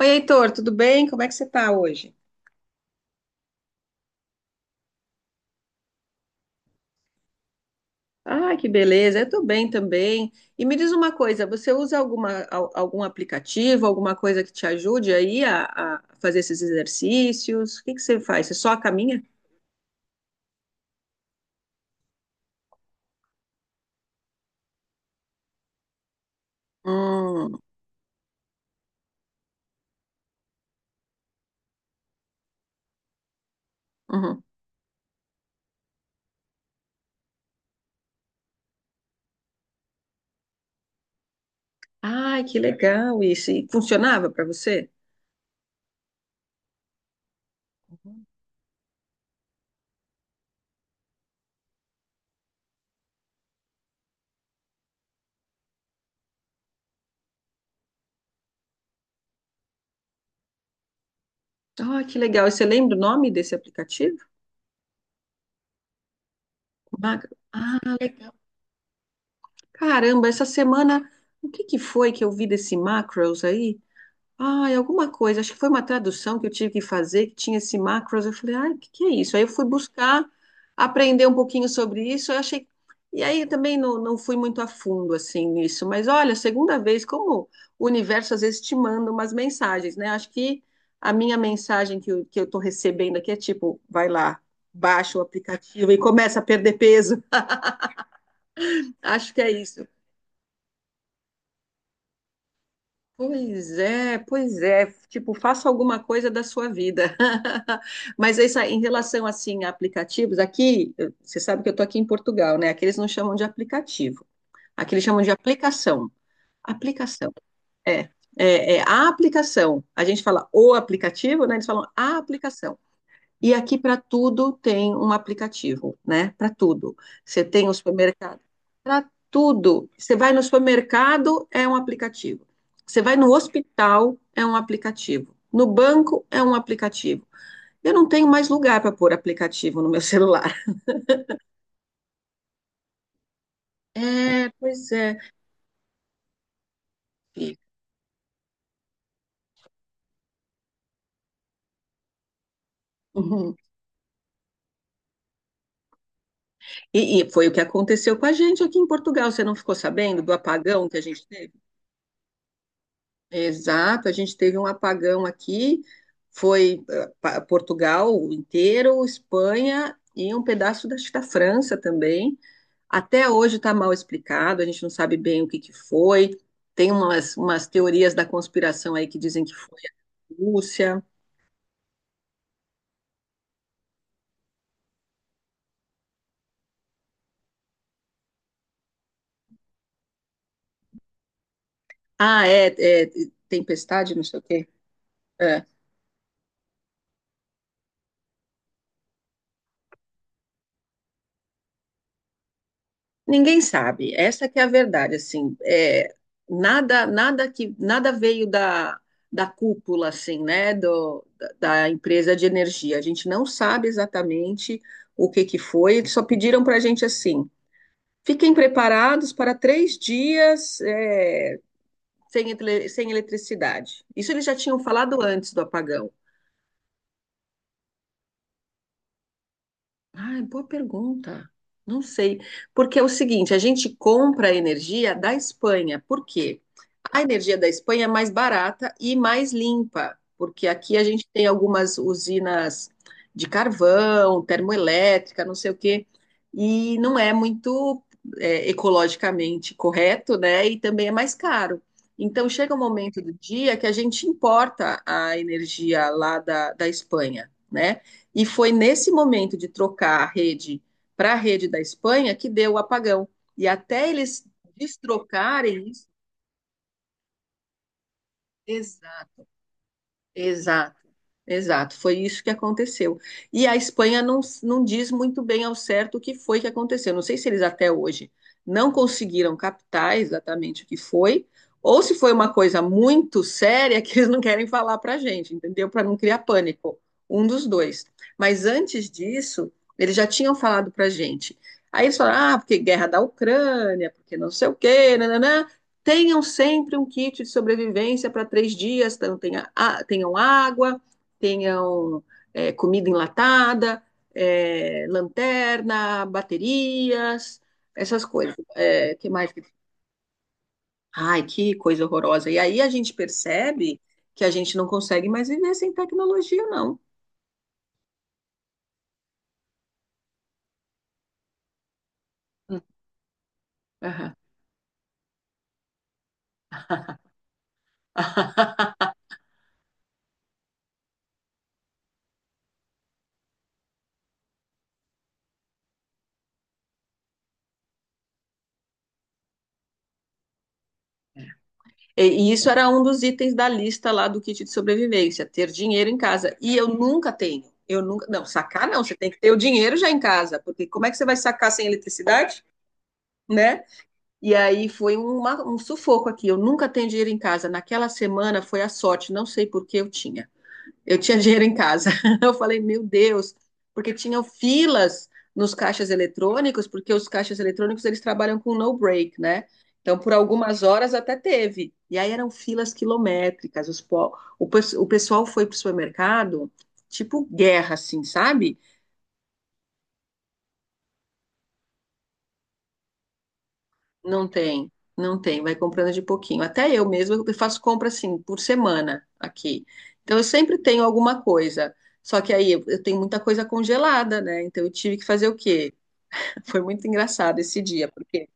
Oi, Heitor, tudo bem? Como é que você está hoje? Ah, que beleza, eu estou bem também. E me diz uma coisa, você usa alguma, algum aplicativo, alguma coisa que te ajude aí a fazer esses exercícios? O que que você faz? Você só caminha? Hum, uhum. Ai, que legal isso. E funcionava para você? Ah, que legal. E você lembra o nome desse aplicativo? Macro. Ah, legal. Caramba, essa semana, o que que foi que eu vi desse Macros aí? Ai, alguma coisa, acho que foi uma tradução que eu tive que fazer, que tinha esse macros, eu falei, ai, o que que é isso? Aí eu fui buscar, aprender um pouquinho sobre isso, eu achei, e aí também não, não fui muito a fundo, assim, nisso, mas olha, segunda vez, como o universo às vezes te manda umas mensagens, né? Acho que a minha mensagem que eu tô recebendo aqui é tipo, vai lá, baixa o aplicativo e começa a perder peso, acho que é isso. Pois é, pois é. Tipo, faça alguma coisa da sua vida. Mas é isso aí, em relação assim a aplicativos, aqui, você sabe que eu estou aqui em Portugal, né? Aqui eles não chamam de aplicativo. Aqui eles chamam de aplicação. Aplicação. É, é a aplicação. A gente fala o aplicativo, né? Eles falam a aplicação. E aqui para tudo tem um aplicativo, né? Para tudo. Você tem o supermercado. Para tudo. Você vai no supermercado, é um aplicativo. Você vai no hospital, é um aplicativo. No banco, é um aplicativo. Eu não tenho mais lugar para pôr aplicativo no meu celular. É, pois é. E, uhum. E foi o que aconteceu com a gente aqui em Portugal. Você não ficou sabendo do apagão que a gente teve? Exato, a gente teve um apagão aqui, foi Portugal inteiro, Espanha e um pedaço da, acho que da França também. Até hoje está mal explicado, a gente não sabe bem o que que foi. Tem umas teorias da conspiração aí que dizem que foi a Rússia. Ah, é, é, tempestade, não sei o quê. É. Ninguém sabe. Essa que é a verdade, assim, é, nada veio da, da, cúpula, assim, né, da empresa de energia. A gente não sabe exatamente o que que foi. Eles só pediram para a gente assim, fiquem preparados para 3 dias, sem eletricidade. Isso eles já tinham falado antes do apagão. Ah, boa pergunta. Não sei. Porque é o seguinte, a gente compra a energia da Espanha. Por quê? A energia da Espanha é mais barata e mais limpa, porque aqui a gente tem algumas usinas de carvão, termoelétrica, não sei o quê, e não é muito ecologicamente correto, né? E também é mais caro. Então chega um momento do dia que a gente importa a energia lá da Espanha, né? E foi nesse momento de trocar a rede para a rede da Espanha que deu o apagão. E até eles destrocarem isso. exa- Exato. Exato, foi isso que aconteceu. E a Espanha não, não diz muito bem ao certo o que foi que aconteceu. Não sei se eles até hoje não conseguiram captar exatamente o que foi, ou se foi uma coisa muito séria que eles não querem falar para a gente, entendeu? Para não criar pânico. Um dos dois. Mas antes disso, eles já tinham falado para a gente. Aí eles falaram: ah, porque guerra da Ucrânia, porque não sei o quê, nananã. Tenham sempre um kit de sobrevivência para 3 dias, então tenham água, tenham comida enlatada, lanterna, baterias, essas coisas. É, que mais? Ai, que coisa horrorosa. E aí a gente percebe que a gente não consegue mais viver sem tecnologia, não. Hum, aham. E e isso era um dos itens da lista lá do kit de sobrevivência, ter dinheiro em casa. E eu nunca tenho. Eu nunca, não, sacar não, você tem que ter o dinheiro já em casa, porque como é que você vai sacar sem eletricidade, né? E aí foi um sufoco aqui. Eu nunca tenho dinheiro em casa. Naquela semana foi a sorte, não sei por que eu tinha. Eu tinha dinheiro em casa. Eu falei, meu Deus, porque tinham filas nos caixas eletrônicos, porque os caixas eletrônicos eles trabalham com no break, né? Então, por algumas horas até teve. E aí eram filas quilométricas. Os po- o, pes- o pessoal foi para o supermercado, tipo guerra, assim, sabe? Não tem, não tem, vai comprando de pouquinho. Até eu mesma eu faço compra assim por semana aqui. Então eu sempre tenho alguma coisa. Só que aí eu tenho muita coisa congelada, né? Então eu tive que fazer o quê? Foi muito engraçado esse dia, porque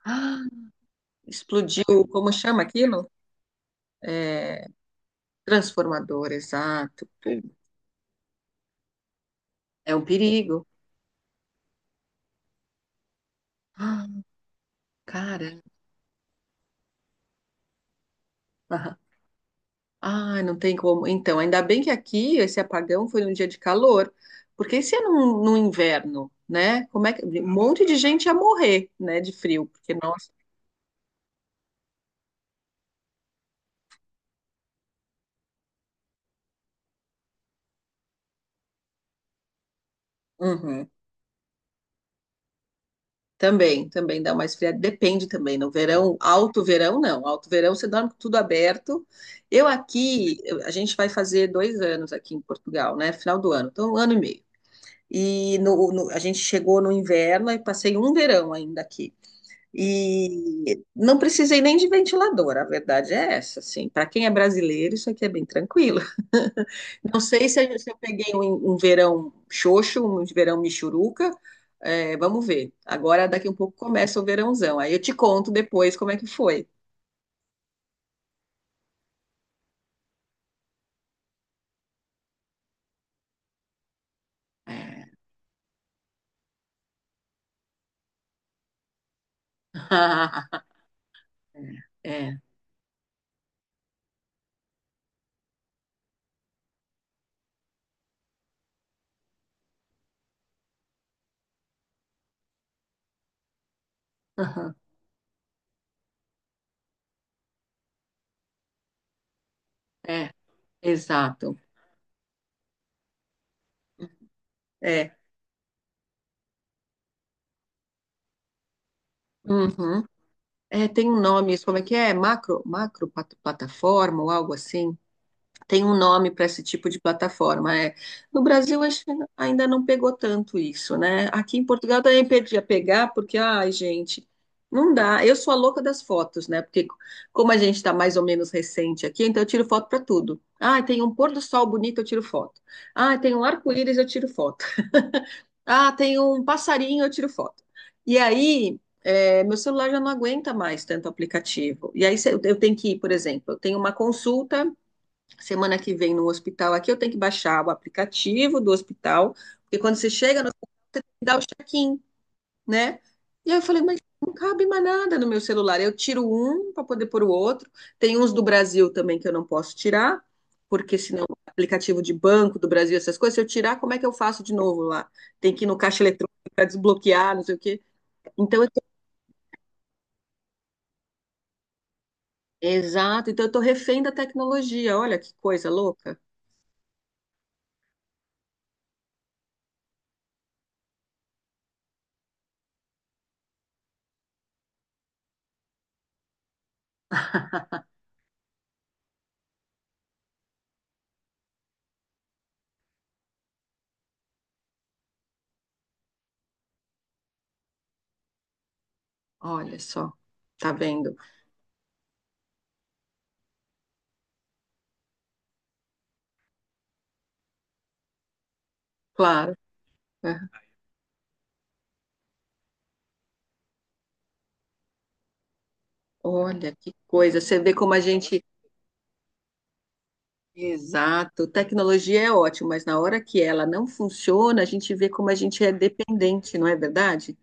ah, explodiu, como chama aquilo? É, transformador, exato. É um perigo. Ah, cara. Ah, não tem como. Então, ainda bem que aqui esse apagão foi num dia de calor, porque se é num, inverno, né? Como é que um monte de gente ia morrer, né, de frio, porque nós. Uhum. Também, também dá uma esfriada, depende também. No verão, alto verão não, alto verão você dorme com tudo aberto. Eu aqui, a gente vai fazer 2 anos aqui em Portugal, né? Final do ano, então 1 ano e meio. E no, a gente chegou no inverno e passei um verão ainda aqui. E não precisei nem de ventilador, a verdade é essa, assim. Para quem é brasileiro, isso aqui é bem tranquilo. Não sei se eu, peguei um verão xoxo, um verão michuruca. É, vamos ver. Agora, daqui um pouco, começa o verãozão. Aí eu te conto depois como é que foi. É. É, é, aham, é, exato. É, uhum. É, tem um nome, isso como é que é? Macro, macro plataforma ou algo assim. Tem um nome para esse tipo de plataforma. É. No Brasil, acho que ainda não pegou tanto isso, né? Aqui em Portugal também podia pegar, porque, ai, gente, não dá. Eu sou a louca das fotos, né? Porque como a gente está mais ou menos recente aqui, então eu tiro foto para tudo. Ah, tem um pôr do sol bonito, eu tiro foto. Ah, tem um arco-íris, eu tiro foto. Ah, tem um passarinho, eu tiro foto. E aí, meu celular já não aguenta mais tanto aplicativo. E aí, se eu tenho que ir, por exemplo, eu tenho uma consulta semana que vem no hospital aqui, eu tenho que baixar o aplicativo do hospital, porque quando você chega no hospital, você tem que dar o check-in, né? E aí eu falei, mas não cabe mais nada no meu celular. Eu tiro um para poder pôr o outro. Tem uns do Brasil também que eu não posso tirar, porque senão o aplicativo de banco do Brasil, essas coisas, se eu tirar, como é que eu faço de novo lá? Tem que ir no caixa eletrônico para desbloquear, não sei o quê. Então, eu tô, exato, então eu tô refém da tecnologia. Olha que coisa louca. Olha só, tá vendo? Claro. Né? Olha, que coisa. Você vê como a gente. Exato. Tecnologia é ótimo, mas na hora que ela não funciona, a gente vê como a gente é dependente, não é verdade?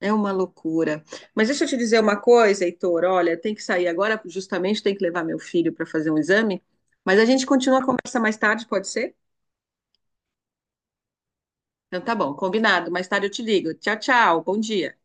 É uma loucura. Mas deixa eu te dizer uma coisa, Heitor. Olha, tem que sair agora, justamente tem que levar meu filho para fazer um exame. Mas a gente continua a conversa mais tarde, pode ser? Então tá bom, combinado. Mais tarde eu te ligo. Tchau, tchau. Bom dia.